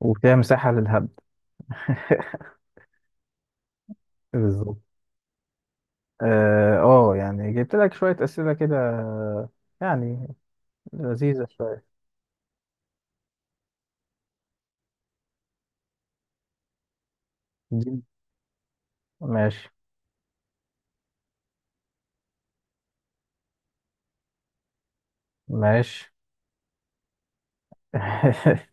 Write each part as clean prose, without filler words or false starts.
وفيها مساحة للهبد. بالظبط. يعني جبت لك شوية أسئلة كده، يعني لذيذة شوية. دي- ماشي. ماشي.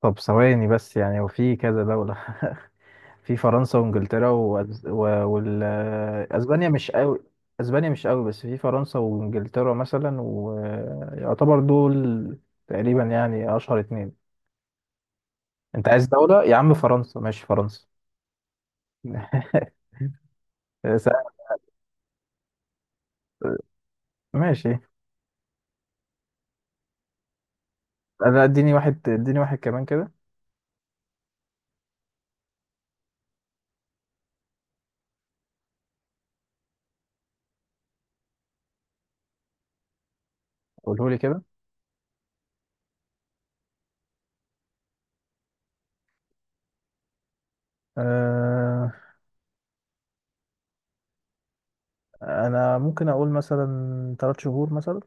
طب ثواني بس، يعني وفي كذا دولة. في فرنسا وانجلترا، وال... اسبانيا مش قوي. اسبانيا مش قوي، بس في فرنسا وانجلترا مثلا، ويعتبر دول تقريبا يعني اشهر اتنين. انت عايز دولة يا عم، فرنسا ماشي فرنسا. سهل. ماشي. انا اديني واحد اديني واحد كمان كده. قوله لي كده. أه... انا ممكن اقول مثلا ثلاث شهور مثلا.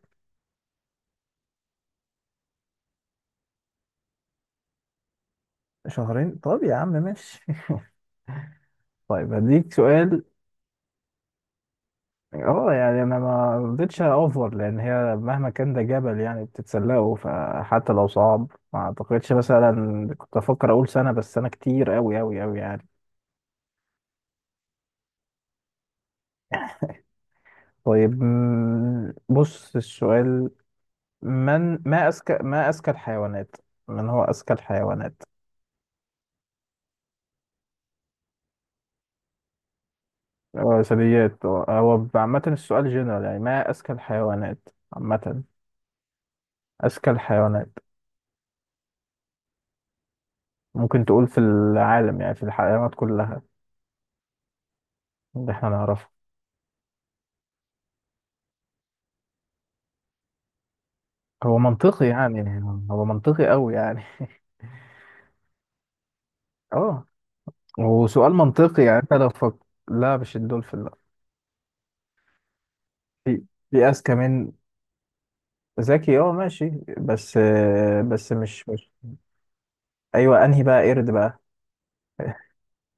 شهرين طب يا عم ماشي. طيب هديك سؤال. اه يعني انا ما رضيتش اوفر، لان هي مهما كان ده جبل يعني بتتسلقه، فحتى لو صعب ما اعتقدش. مثلا كنت افكر اقول سنة، بس سنة كتير اوي اوي اوي يعني. طيب بص السؤال. من ما اذكى الحيوانات، من هو اذكى الحيوانات؟ ثدييات، هو عامة السؤال جنرال، يعني ما أذكى الحيوانات عامة. أذكى الحيوانات. ممكن تقول في العالم، يعني في الحيوانات كلها اللي احنا نعرفها. هو منطقي يعني. هو منطقي أوي يعني. اه هو سؤال منطقي، يعني انت لو لا مش الدولفين لا. في في أذكى من ذكي، اه ماشي، بس آه، بس مش. أيوه أنهي بقى قرد بقى؟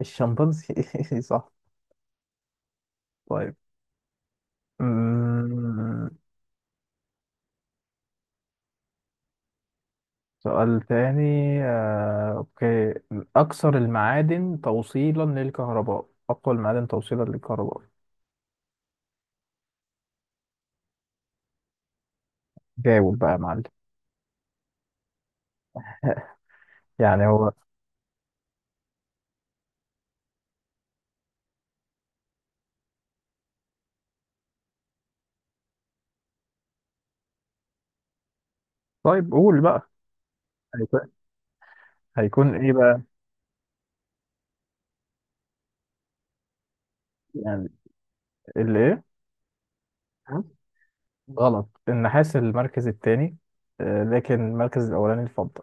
الشمبانزي. صح. طيب سؤال تاني، اوكي. اكثر المعادن توصيلا للكهرباء، اقوى المعادن توصيلا للكهرباء. جاوب بقى يا معلم. يعني هو، طيب قول بقى. هيكون هيكون ايه بقى؟ يعني الايه؟ ها؟ غلط، النحاس المركز الثاني، لكن المركز الاولاني الفضه.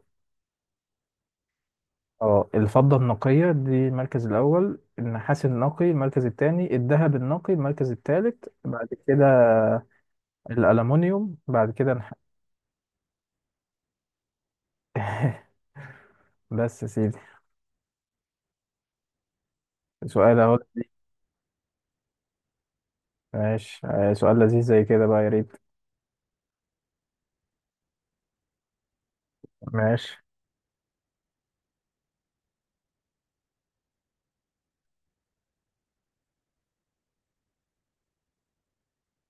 اه الفضه النقيه دي المركز الاول، النحاس النقي المركز الثاني، الذهب النقي المركز الثالث. بعد كده الالومنيوم، بعد كده بس يا سيدي. سؤال اهو لذيذ. ماشي، سؤال لذيذ زي كده بقى يا ريت. ماشي.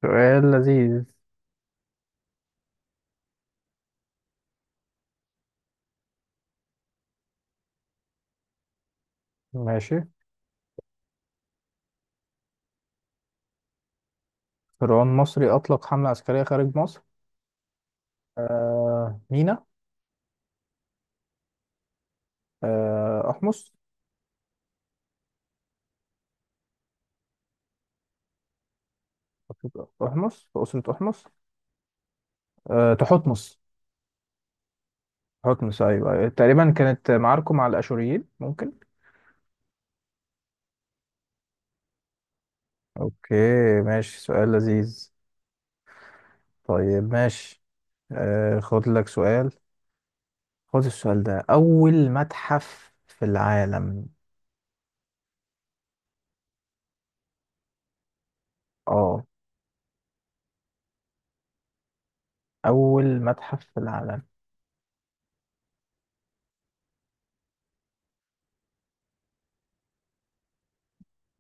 سؤال لذيذ. ماشي. فرعون مصري أطلق حملة عسكرية خارج مصر. آه مينا. آه أحمس. أسرة أحمس، أسرة أحمس. آه تحتمس. تحتمس، أيوه أيوة. تقريبا كانت معاركه مع الأشوريين، ممكن. أوكي. ماشي، سؤال لذيذ. طيب ماشي. آه خد لك سؤال. خد السؤال ده، أول متحف في العالم. اه، أول متحف في العالم.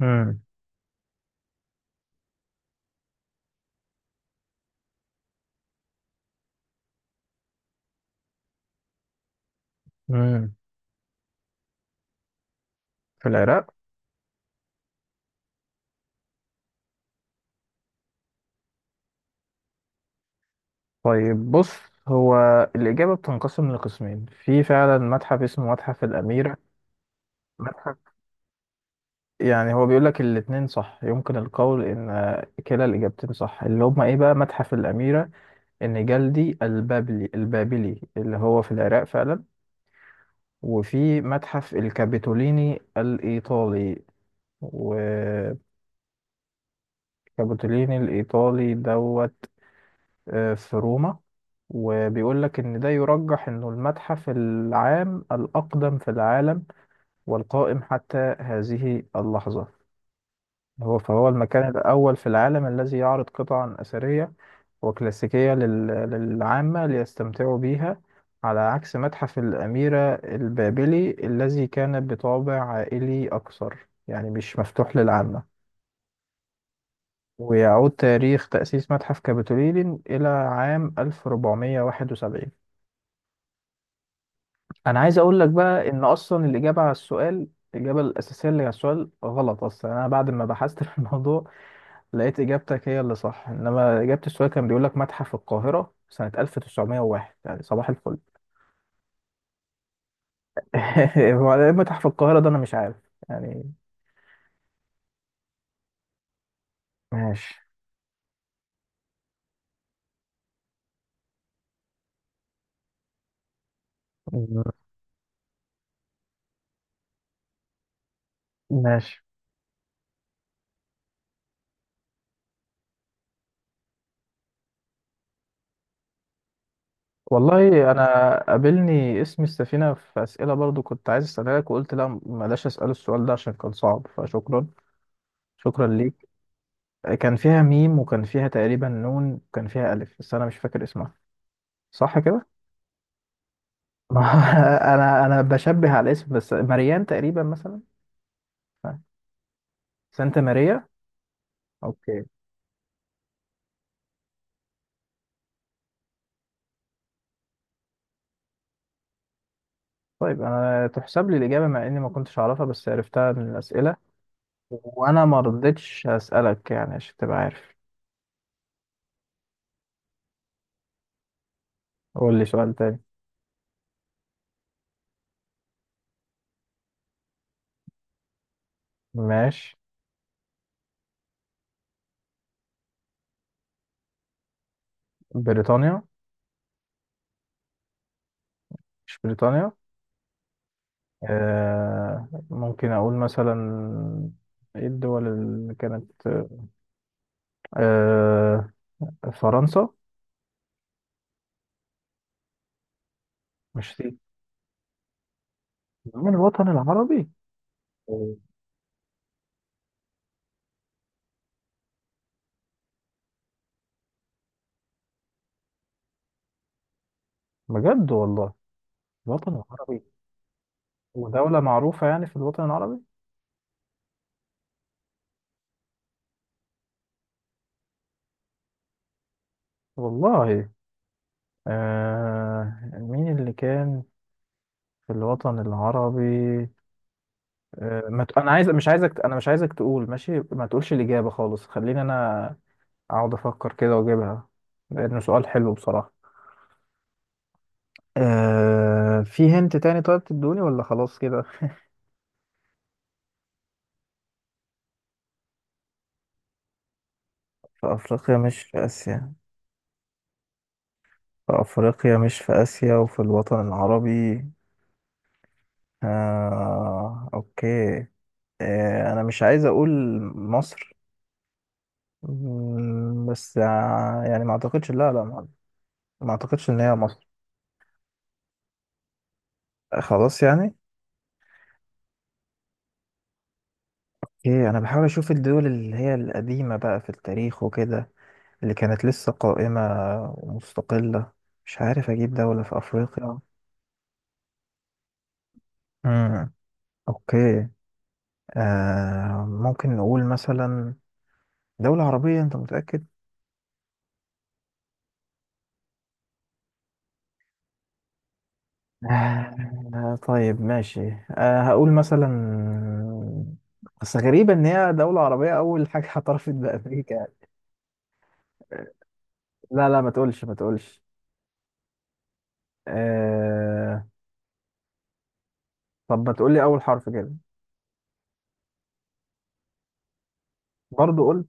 امم امم. في العراق. طيب بص، هو الإجابة بتنقسم لقسمين. في فعلا متحف اسمه متحف الأميرة. متحف، يعني هو بيقول لك الاتنين صح، يمكن القول إن كلا الإجابتين صح. اللي هما إيه بقى؟ متحف الأميرة، إن جلدي البابلي البابلي اللي هو في العراق فعلا، وفي متحف الكابيتوليني الإيطالي. وكابيتوليني الإيطالي دوت، في روما. وبيقول لك إن ده يرجح إنه المتحف العام الأقدم في العالم، والقائم حتى هذه اللحظة. هو، فهو المكان الأول في العالم الذي يعرض قطعا أثرية وكلاسيكية للعامة ليستمتعوا بيها، على عكس متحف الأميرة البابلي الذي كان بطابع عائلي أكثر، يعني مش مفتوح للعامة. ويعود تاريخ تأسيس متحف كابيتولين إلى عام 1471. انا عايز اقول لك بقى، ان اصلا الاجابه على السؤال، الاجابه الاساسيه اللي على السؤال غلط اصلا. انا بعد ما بحثت في الموضوع لقيت اجابتك هي اللي صح، انما اجابه السؤال كان بيقول لك متحف القاهره سنه 1901، يعني صباح الفل. هو إيه متحف القاهره ده، انا مش عارف يعني. ماشي. ماشي. والله انا قابلني اسم السفينه في اسئله برضو، كنت عايز اسالها لك وقلت لا بلاش اسال السؤال ده عشان كان صعب، فشكرا. شكرا ليك. كان فيها ميم، وكان فيها تقريبا نون، وكان فيها ألف، بس أنا مش فاكر اسمها. صح كده؟ ما، أنا بشبه على الاسم، بس مريان تقريبا مثلا. سانتا ماريا. أوكي. طيب أنا تحسب لي الإجابة، مع إني ما كنتش أعرفها بس عرفتها من الأسئلة. وأنا ما رضيتش أسألك يعني، عشان تبقى عارف. قول لي سؤال تاني. ماشي. بريطانيا. مش بريطانيا؟ آه ممكن أقول مثلا، إيه الدول اللي كانت، آه فرنسا. 20. من الوطن العربي؟ بجد والله. الوطن العربي. ودولة معروفة يعني في الوطن العربي. والله. آه مين اللي كان في الوطن العربي. آه ما ت... أنا عايز، مش عايزك، أنا مش عايزك تقول ماشي، ما تقولش الإجابة خالص، خليني أنا أقعد أفكر كده وأجيبها، لأنه سؤال حلو بصراحة. آه، في هنت تاني؟ طيب تدوني ولا خلاص كده؟ في أفريقيا مش في آسيا. في أفريقيا مش في آسيا وفي الوطن العربي. أوكي. أنا مش عايز أقول مصر. مم، بس آه، يعني ما أعتقدش، لا لا، ما، ما أعتقدش إن هي مصر. خلاص يعني. أوكي، أنا بحاول أشوف الدول اللي هي القديمة بقى في التاريخ وكده، اللي كانت لسه قائمة ومستقلة. مش عارف أجيب دولة في أفريقيا. مم. أوكي. ممكن نقول مثلا دولة عربية، أنت متأكد؟ طيب ماشي. أه هقول مثلا. بس غريبة إن هي دولة عربية أول حاجة اعترفت بأمريكا يعني. لا لا، ما تقولش ما تقولش. أه... طب ما تقولي أول حرف كده. برضو قول